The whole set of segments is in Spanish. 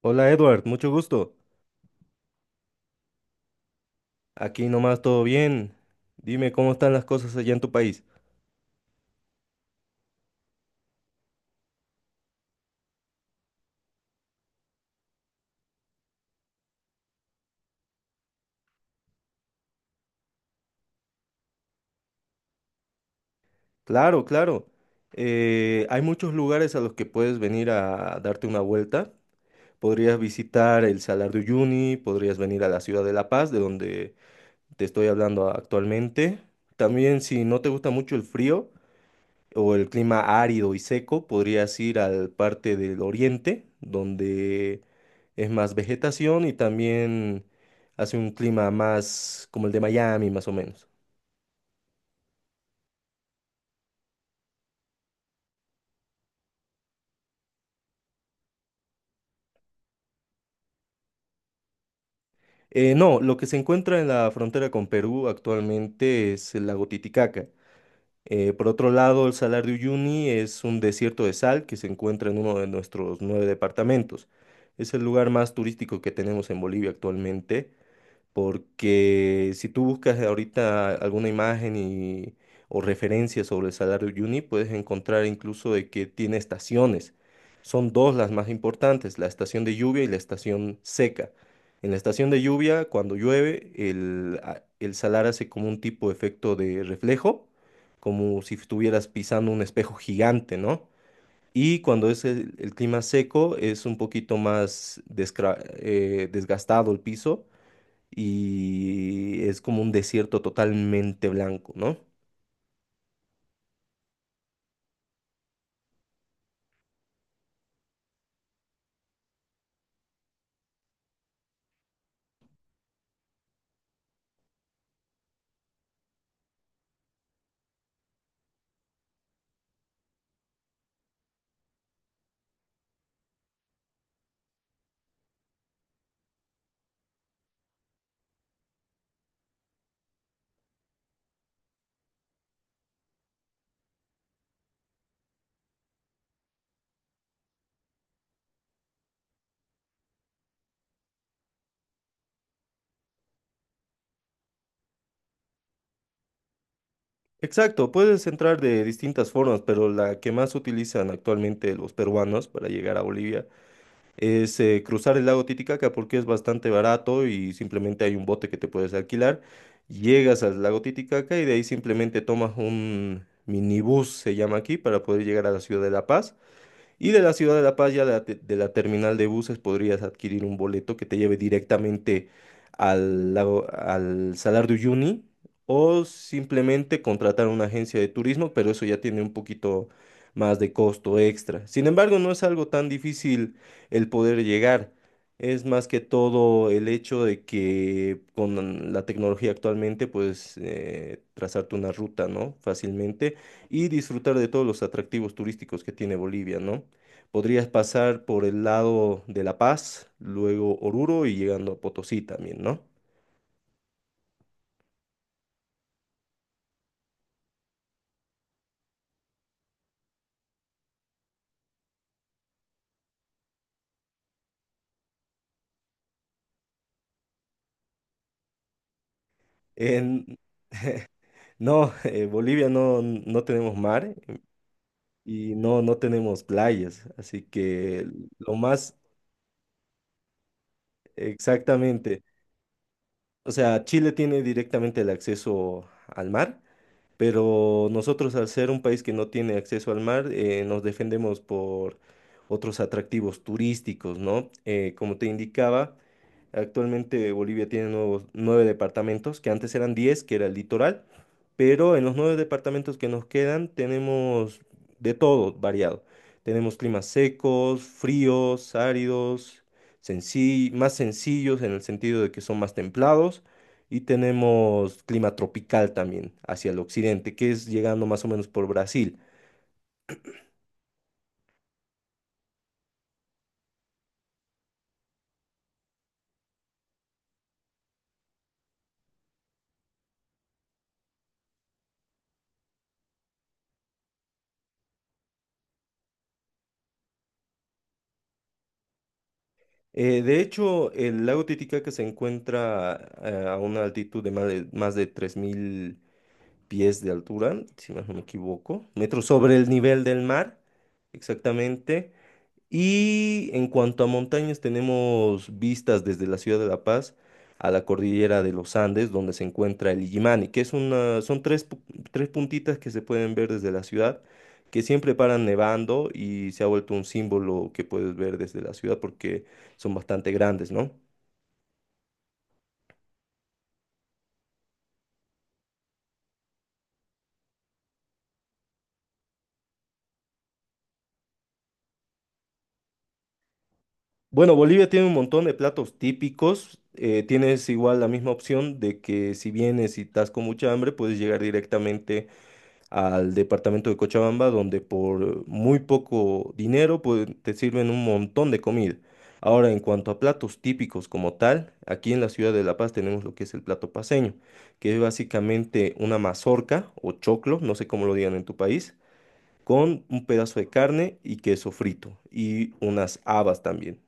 Hola Edward, mucho gusto. Aquí nomás todo bien. Dime cómo están las cosas allá en tu país. Claro, claro. Hay muchos lugares a los que puedes venir a darte una vuelta. Podrías visitar el Salar de Uyuni, podrías venir a la ciudad de La Paz, de donde te estoy hablando actualmente. También si no te gusta mucho el frío, o el clima árido y seco, podrías ir al parte del oriente, donde es más vegetación y también hace un clima más como el de Miami, más o menos. No, lo que se encuentra en la frontera con Perú actualmente es el lago Titicaca. Por otro lado, el Salar de Uyuni es un desierto de sal que se encuentra en uno de nuestros nueve departamentos. Es el lugar más turístico que tenemos en Bolivia actualmente. Porque si tú buscas ahorita alguna imagen y, o referencia sobre el salario Yuni, puedes encontrar incluso de que tiene estaciones. Son dos las más importantes, la estación de lluvia y la estación seca. En la estación de lluvia, cuando llueve, el salar hace como un tipo de efecto de reflejo, como si estuvieras pisando un espejo gigante, ¿no? Y cuando es el clima seco, es un poquito más desgastado el piso y es como un desierto totalmente blanco, ¿no? Exacto, puedes entrar de distintas formas, pero la que más utilizan actualmente los peruanos para llegar a Bolivia es cruzar el lago Titicaca porque es bastante barato y simplemente hay un bote que te puedes alquilar. Llegas al lago Titicaca y de ahí simplemente tomas un minibús, se llama aquí, para poder llegar a la ciudad de La Paz. Y de la ciudad de La Paz, ya de la terminal de buses, podrías adquirir un boleto que te lleve directamente al Salar de Uyuni, o simplemente contratar una agencia de turismo, pero eso ya tiene un poquito más de costo extra. Sin embargo, no es algo tan difícil el poder llegar. Es más que todo el hecho de que con la tecnología actualmente puedes trazarte una ruta, ¿no? Fácilmente y disfrutar de todos los atractivos turísticos que tiene Bolivia, ¿no? Podrías pasar por el lado de La Paz, luego Oruro y llegando a Potosí también, ¿no? En, no, Bolivia no, no tenemos mar y no, no tenemos playas, así que lo más exactamente, o sea, Chile tiene directamente el acceso al mar, pero nosotros al ser un país que no tiene acceso al mar, nos defendemos por otros atractivos turísticos, ¿no? Como te indicaba, actualmente Bolivia tiene nueve departamentos, que antes eran 10, que era el litoral, pero en los nueve departamentos que nos quedan tenemos de todo variado. Tenemos climas secos, fríos, áridos, más sencillos en el sentido de que son más templados. Y tenemos clima tropical también hacia el occidente, que es llegando más o menos por Brasil. De hecho, el lago Titicaca se encuentra a una altitud de más de 3.000 pies de altura, si más no me equivoco, metros sobre el nivel del mar, exactamente. Y en cuanto a montañas, tenemos vistas desde la ciudad de La Paz a la cordillera de los Andes, donde se encuentra el Illimani, que son tres, tres puntitas que se pueden ver desde la ciudad, que siempre paran nevando y se ha vuelto un símbolo que puedes ver desde la ciudad porque son bastante grandes, ¿no? Bueno, Bolivia tiene un montón de platos típicos. Tienes igual la misma opción de que si vienes y estás con mucha hambre, puedes llegar directamente al departamento de Cochabamba, donde por muy poco dinero pues, te sirven un montón de comida. Ahora, en cuanto a platos típicos como tal, aquí en la ciudad de La Paz tenemos lo que es el plato paceño, que es básicamente una mazorca o choclo, no sé cómo lo digan en tu país, con un pedazo de carne y queso frito y unas habas también.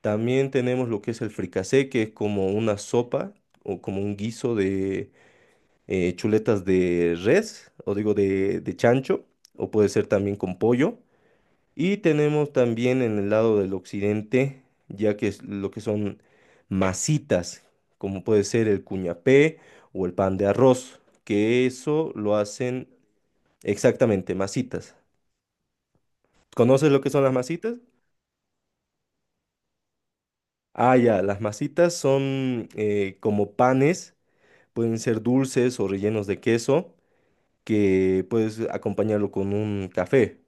También tenemos lo que es el fricasé, que es como una sopa o como un guiso de chuletas de res, o digo de, chancho, o puede ser también con pollo. Y tenemos también en el lado del occidente, ya que es lo que son masitas, como puede ser el cuñapé o el pan de arroz, que eso lo hacen exactamente, masitas. ¿Conoces lo que son las masitas? Ah, ya, las masitas son como panes, pueden ser dulces o rellenos de queso, que puedes acompañarlo con un café.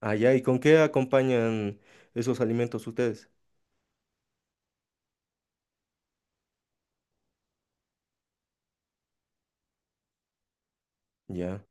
Ah, ya, ¿y con qué acompañan esos alimentos ustedes? Ya.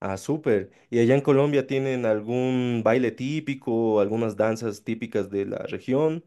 Ah, súper. ¿Y allá en Colombia tienen algún baile típico, algunas danzas típicas de la región?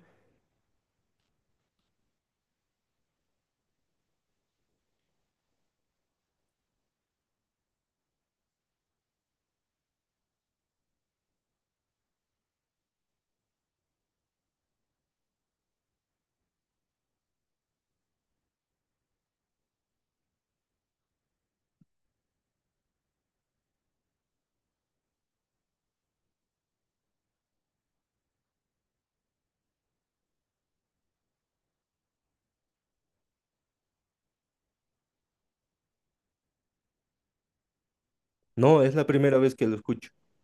No, es la primera vez que lo escucho.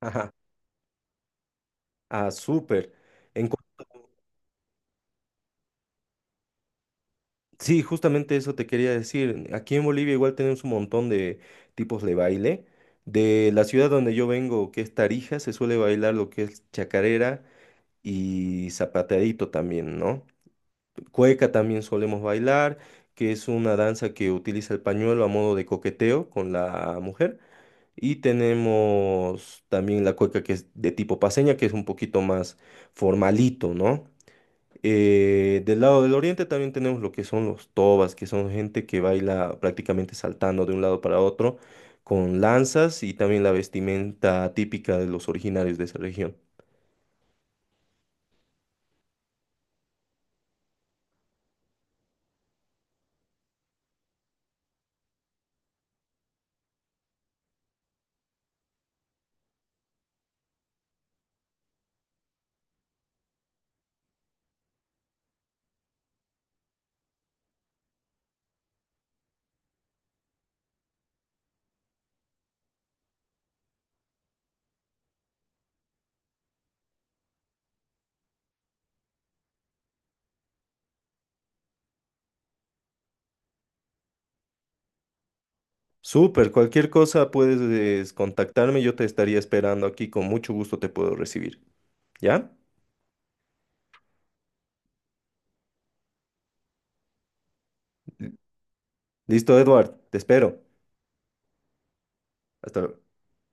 Ajá. Ah, súper. En Col- Sí, justamente eso te quería decir. Aquí en Bolivia igual tenemos un montón de tipos de baile. De la ciudad donde yo vengo, que es Tarija, se suele bailar lo que es chacarera y zapateadito también, ¿no? Cueca también solemos bailar, que es una danza que utiliza el pañuelo a modo de coqueteo con la mujer. Y tenemos también la cueca que es de tipo paseña, que es un poquito más formalito, ¿no? Del lado del oriente también tenemos lo que son los tobas, que son gente que baila prácticamente saltando de un lado para otro con lanzas y también la vestimenta típica de los originarios de esa región. Súper, cualquier cosa puedes contactarme, yo te estaría esperando aquí, con mucho gusto te puedo recibir. ¿Ya? Listo, Edward, te espero. Hasta luego.